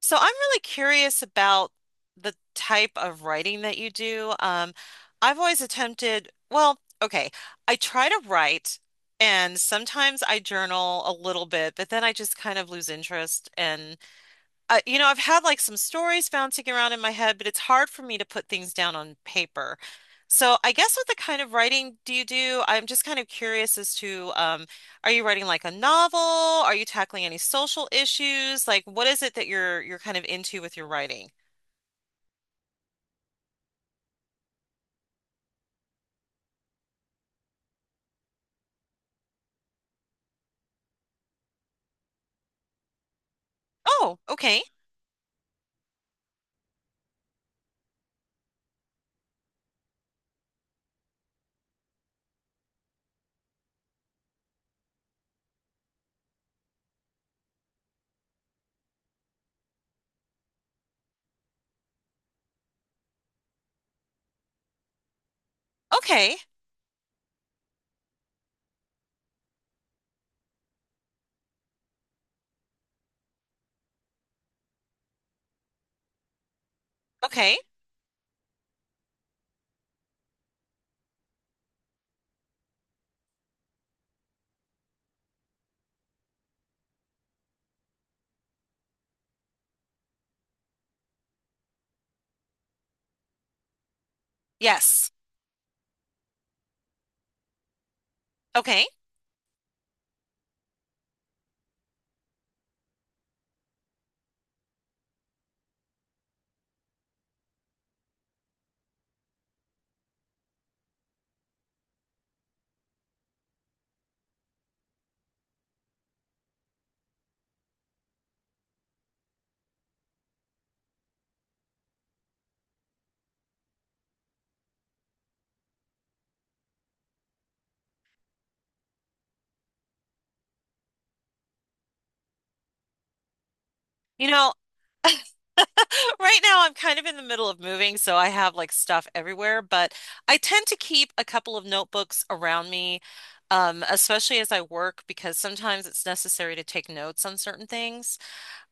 So I'm really curious about the type of writing that you do. I've always attempted, well, okay, I try to write and sometimes I journal a little bit, but then I just kind of lose interest and you know, I've had like some stories bouncing around in my head, but it's hard for me to put things down on paper. So I guess what the kind of writing do you do? I'm just kind of curious as to, are you writing like a novel? Are you tackling any social issues? Like, what is it that you're kind of into with your writing? Oh, okay, okay, okay. Yes, okay. You know, right now, I'm kind of in the middle of moving, so I have like stuff everywhere, but I tend to keep a couple of notebooks around me, especially as I work, because sometimes it's necessary to take notes on certain things.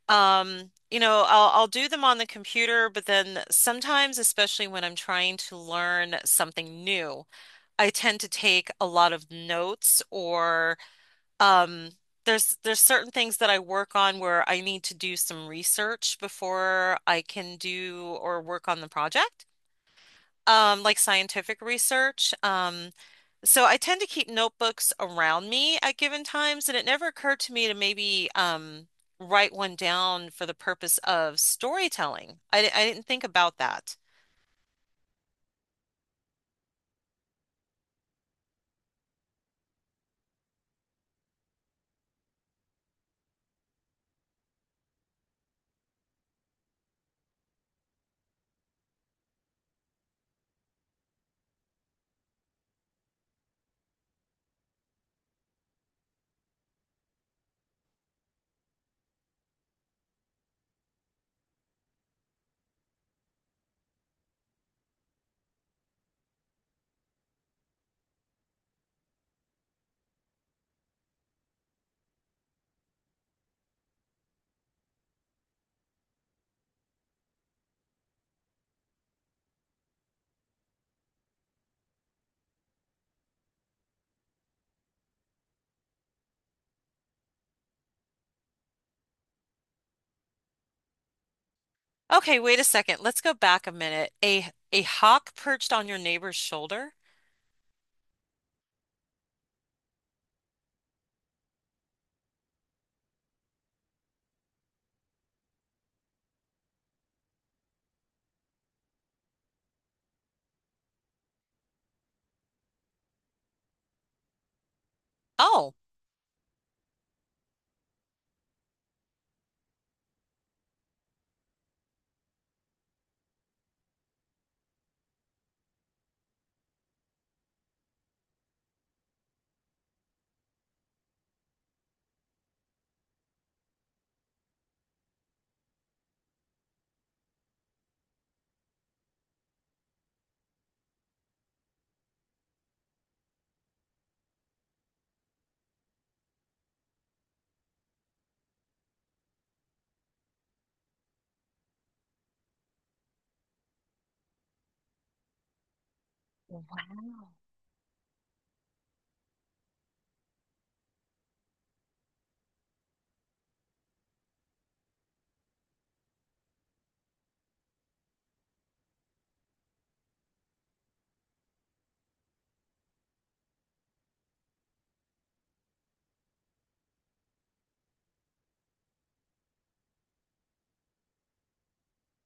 You know, I'll do them on the computer, but then sometimes, especially when I'm trying to learn something new, I tend to take a lot of notes or um, there's certain things that I work on where I need to do some research before I can do or work on the project. Like scientific research. So I tend to keep notebooks around me at given times, and it never occurred to me to maybe write one down for the purpose of storytelling. I didn't think about that. Okay, wait a second. Let's go back a minute. A hawk perched on your neighbor's shoulder? Oh,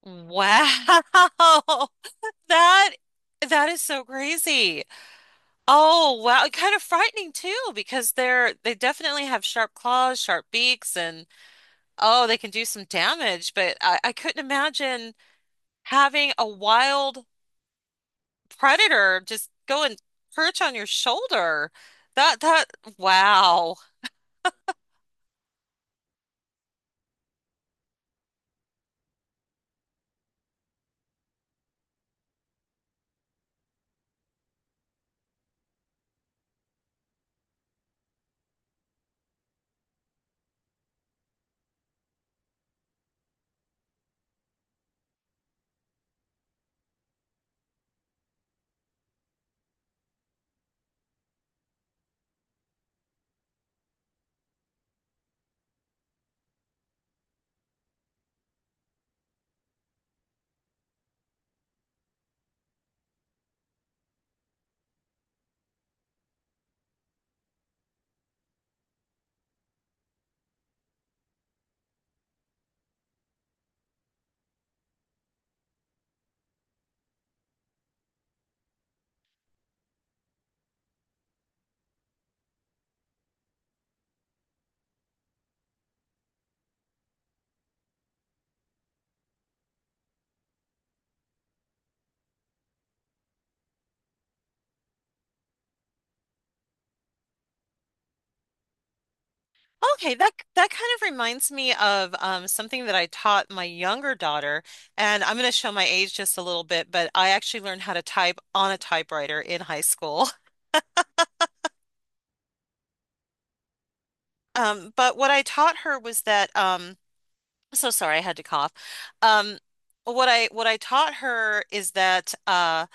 wow. That that is so crazy. Oh wow, kind of frightening too because they definitely have sharp claws, sharp beaks, and oh, they can do some damage. But I couldn't imagine having a wild predator just go and perch on your shoulder. That that wow. Okay, that that kind of reminds me of something that I taught my younger daughter, and I'm going to show my age just a little bit, but I actually learned how to type on a typewriter in high school. But what I taught her was that I'm so sorry I had to cough. Um, what I taught her is that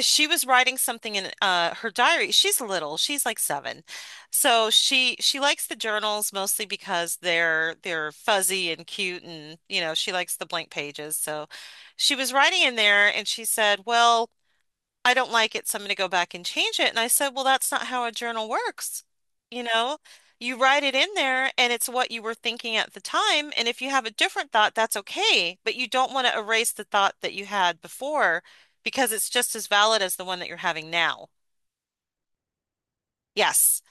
she was writing something in her diary. She's little, she's like seven, so she likes the journals mostly because they're fuzzy and cute, and you know she likes the blank pages. So she was writing in there, and she said, "Well, I don't like it, so I'm going to go back and change it." And I said, well, that's not how a journal works. You know, you write it in there and it's what you were thinking at the time. And if you have a different thought, that's okay. But you don't want to erase the thought that you had before because it's just as valid as the one that you're having now. Yes,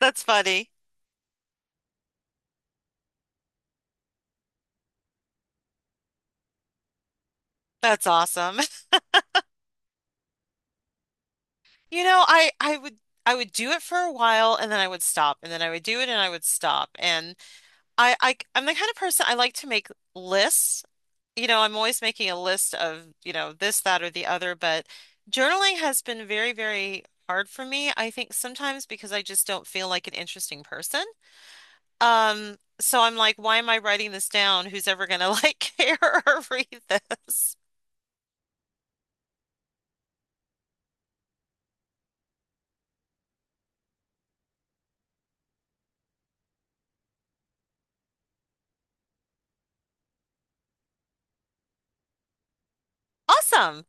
that's funny. That's awesome. You know, I would do it for a while and then I would stop and then I would do it and I would stop. And I'm the kind of person I like to make lists. You know, I'm always making a list of, you know, this, that, or the other, but journaling has been very, very hard for me. I think sometimes because I just don't feel like an interesting person. So I'm like, why am I writing this down? Who's ever gonna like care or read this? Awesome.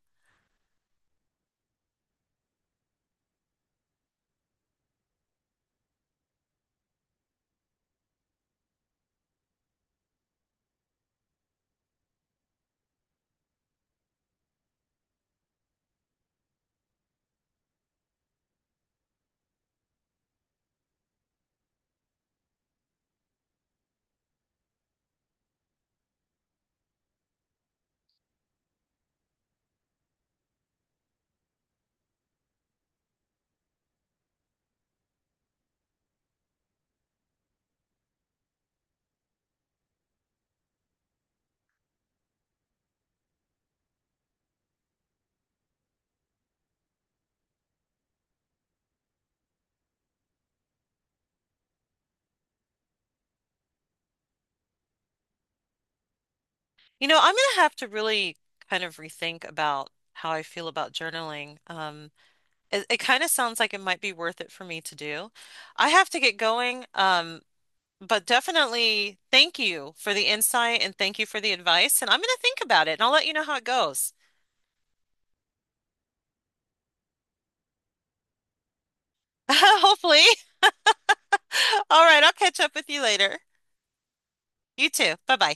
You know, I'm gonna have to really kind of rethink about how I feel about journaling. It, it kind of sounds like it might be worth it for me to do. I have to get going. But definitely thank you for the insight and thank you for the advice. And I'm going to think about it and I'll let you know how it goes. Hopefully. All right, I'll catch up with you later. You too. Bye bye.